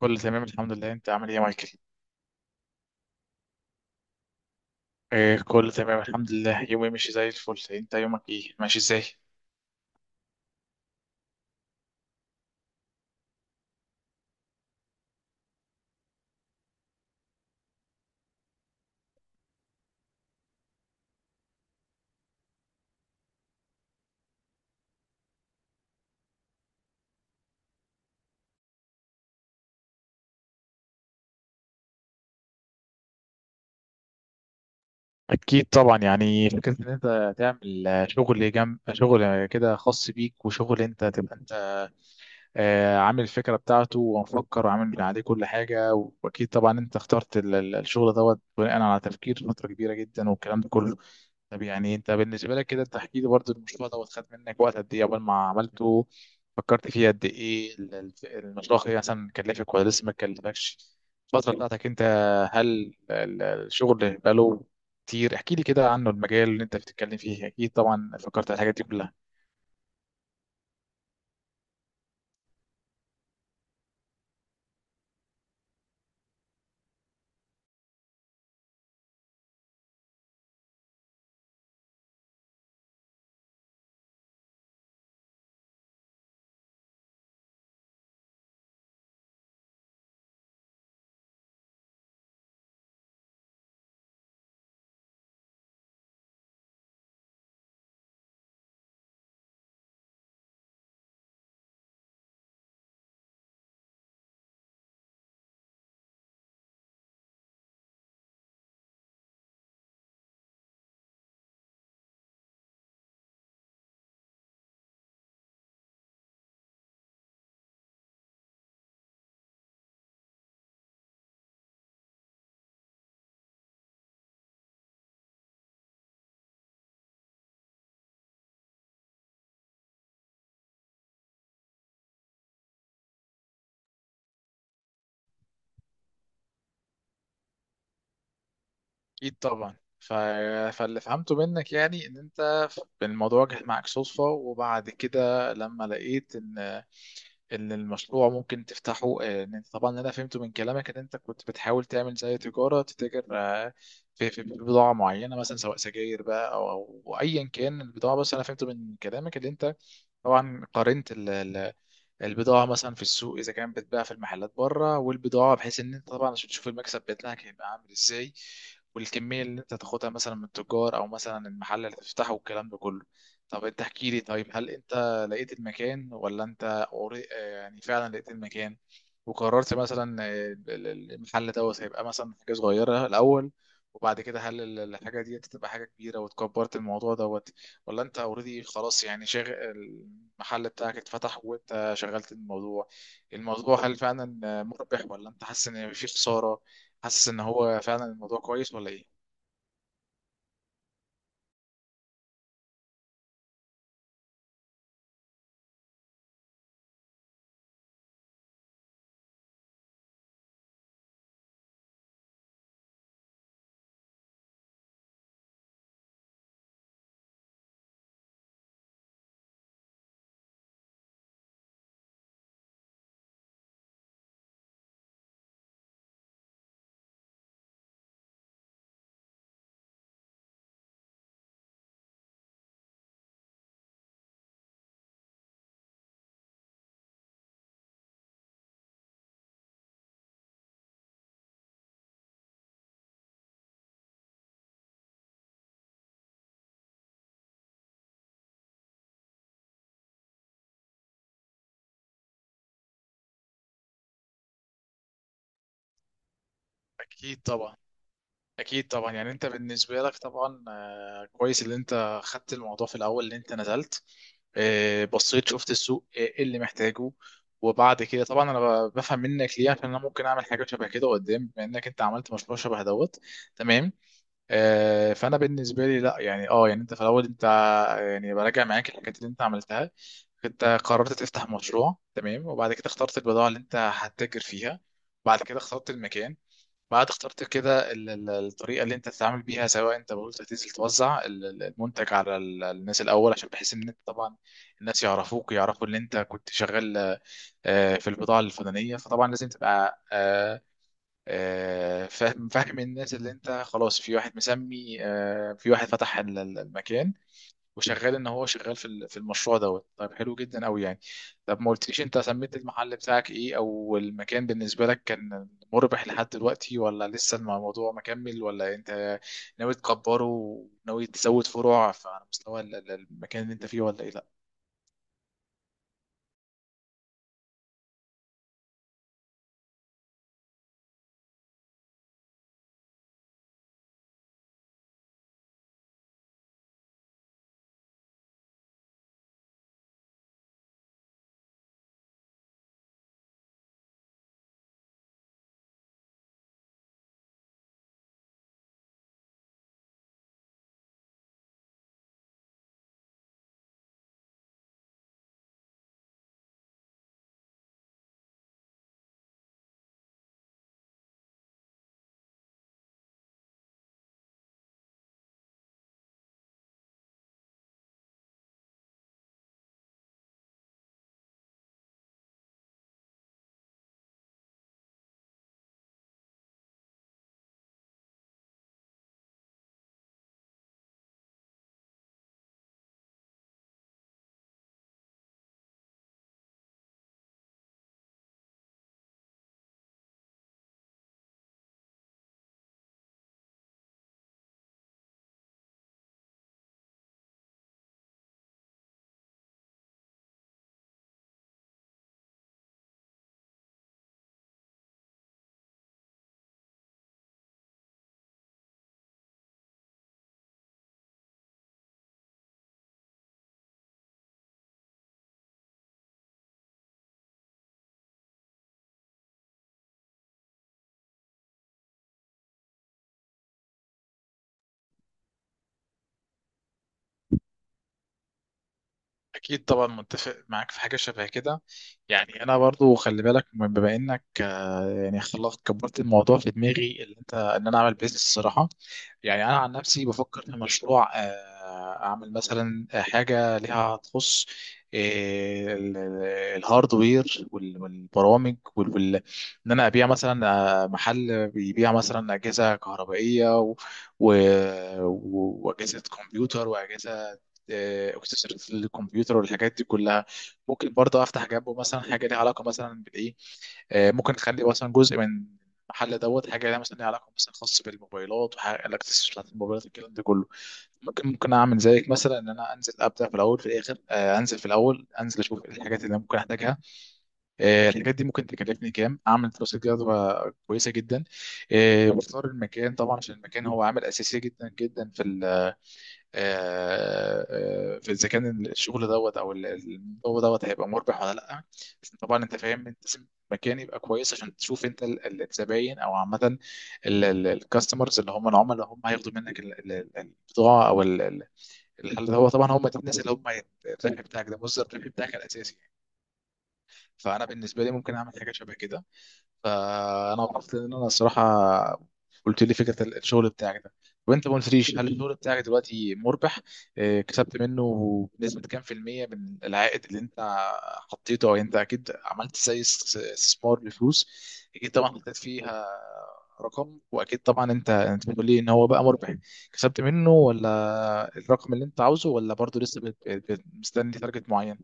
كله تمام، الحمد لله. انت عامل ايه يا مايكل؟ إيه كله تمام، الحمد لله. يومي ماشي زي الفل. انت يومك ايه، ماشي ازاي؟ اكيد طبعا، يعني فكره ان انت تعمل شغل جنب شغل، كده خاص بيك، وشغل انت تبقى انت عامل الفكره بتاعته ومفكر وعامل عليه كل حاجه. واكيد طبعا انت اخترت الشغل دوت بناء على تفكير فتره كبيره جدا والكلام ده كله. طب يعني انت بالنسبه لك كده، انت احكي لي برضه، المشروع ده خد منك وقت قد ايه قبل ما عملته؟ فكرت فيه قد ايه؟ المشروع ايه مثلا كلفك ولا لسه ما كلفكش؟ الفتره بتاعتك انت. هل الشغل بقاله كتير؟ احكي لي كده عنه، المجال اللي انت بتتكلم فيه اكيد طبعا فكرت على الحاجات دي كلها. اكيد طبعا. فاللي فهمته منك يعني ان انت الموضوع جه معاك صدفه، وبعد كده لما لقيت ان المشروع ممكن تفتحه، ان انت طبعا انا فهمته من كلامك ان انت كنت بتحاول تعمل زي تجاره تتاجر في بضاعه معينه مثلا، سواء سجاير بقى او ايا كان البضاعه، بس انا فهمته من كلامك ان انت طبعا قارنت البضاعة مثلا في السوق، إذا كانت بتتباع في المحلات بره، والبضاعة بحيث إن أنت طبعا عشان تشوف المكسب بتاعك هيبقى عامل إزاي. والكمية اللي أنت تاخدها مثلا من التجار أو مثلا المحل اللي تفتحه والكلام ده كله. طب أنت احكي لي، طيب هل أنت لقيت المكان ولا يعني فعلا لقيت المكان، وقررت مثلا المحل دوت هيبقى مثلا حاجة صغيرة الأول، وبعد كده هل الحاجة دي تبقى حاجة كبيرة وتكبرت الموضوع دوت؟ ولا انت اوريدي خلاص يعني شاغل، المحل بتاعك اتفتح وانت شغلت الموضوع، الموضوع هل فعلا مربح ولا انت حاسس ان في خسارة؟ حاسس ان هو فعلا الموضوع كويس ولا ايه؟ اكيد طبعا اكيد طبعا. يعني انت بالنسبة لك طبعا كويس اللي انت خدت الموضوع في الاول، اللي انت نزلت، بصيت شفت السوق، ايه اللي محتاجه. وبعد كده طبعا انا بفهم منك ليه عشان انا ممكن اعمل حاجه شبه كده قدام، بما انك انت عملت مشروع شبه دوت. تمام. فانا بالنسبه لي لا يعني يعني انت في الاول انت، يعني براجع معاك الحاجات اللي انت عملتها. انت قررت تفتح مشروع، تمام. وبعد كده اخترت البضاعه اللي انت هتتاجر فيها. بعد كده اخترت المكان. بعد اخترت كده الطريقه اللي انت تتعامل بيها، سواء انت قلت هتنزل توزع المنتج على الناس الاول، عشان بحيث ان انت طبعا الناس يعرفوك، يعرفوا ان انت كنت شغال في البضاعه الفلانيه، فطبعا لازم تبقى فاهم فاهم الناس اللي انت خلاص، في واحد مسمي، في واحد فتح المكان وشغال ان هو شغال في المشروع دوت. طيب حلو جدا قوي يعني. طب ما قلتليش انت سميت المحل بتاعك ايه؟ او المكان بالنسبه لك كان مربح لحد دلوقتي ولا لسه الموضوع مكمل؟ ولا انت ناوي تكبره وناوي تزود فروع على مستوى المكان اللي انت فيه ولا ايه؟ لا، اكيد طبعا، متفق معاك في حاجه شبه كده. يعني انا برضو خلي بالك، بما انك يعني خلصت كبرت الموضوع في دماغي اللي انت ان انا اعمل بيزنس الصراحه. يعني انا عن نفسي بفكر في مشروع، اعمل مثلا حاجه ليها تخص آه، ال- ال- الهاردوير والبرامج ان انا ابيع مثلا، محل بيبيع مثلا اجهزه كهربائيه و... واجهزه كمبيوتر واجهزه اكسسوارات الكمبيوتر والحاجات دي كلها. ممكن برضه افتح جنبه مثلا حاجه ليها علاقه مثلا بالايه، ممكن نخلي مثلا جزء من المحل دوت حاجه لها مثلا، ليها علاقه مثلا خاص بالموبايلات وحاجه الاكسسوارز بتاعت الموبايلات، الكلام ده كله. ممكن اعمل زيك مثلا ان انا انزل ابدا في الاول في الاخر، انزل في الاول انزل اشوف إيه الحاجات اللي أنا ممكن احتاجها. الحاجات دي ممكن تكلفني كام، اعمل دراسه جدوى كويسه جدا، واختار المكان طبعا. عشان المكان هو عامل اساسي جدا جدا في آه، اذا كان الشغل دوت او الموضوع دوت هيبقى مربح ولا لا. طبعا انت فاهم انت لازم مكان يبقى كويس عشان تشوف انت الزباين، او عامه الكاستمرز اللي هم العملاء، هم هياخدوا منك البضاعه او اللي هو طبعا هم دول الناس اللي هم الربح بتاعك ده، مصدر الربح بتاعك الاساسي يعني. فانا بالنسبه لي ممكن اعمل حاجه شبه كده. فانا وقفت، ان انا الصراحه قلت لي فكره الشغل بتاعك ده، وانت ما قلتليش هل الشغل بتاعك دلوقتي مربح، كسبت منه بنسبه كام في الميه من العائد اللي انت حطيته، او انت اكيد عملت زي استثمار لفلوس. اكيد طبعا حطيت فيها رقم، واكيد طبعا انت بتقول لي ان هو بقى مربح، كسبت منه ولا الرقم اللي انت عاوزه، ولا برضه لسه مستني تارجت معين.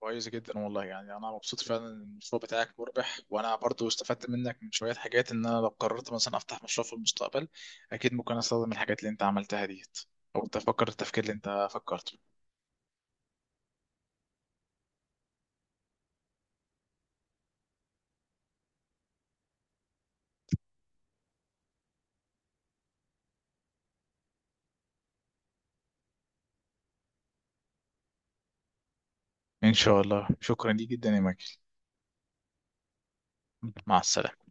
كويس جدا والله، يعني انا مبسوط فعلا ان المشروع بتاعك مربح، وانا برضو استفدت منك من شويه حاجات ان انا لو قررت مثلا افتح مشروع في المستقبل، اكيد ممكن استخدم الحاجات اللي انت عملتها ديت، او تفكر التفكير اللي انت فكرته. ان شاء الله. شكرا ليك جدا يا ماجد. مع السلامه.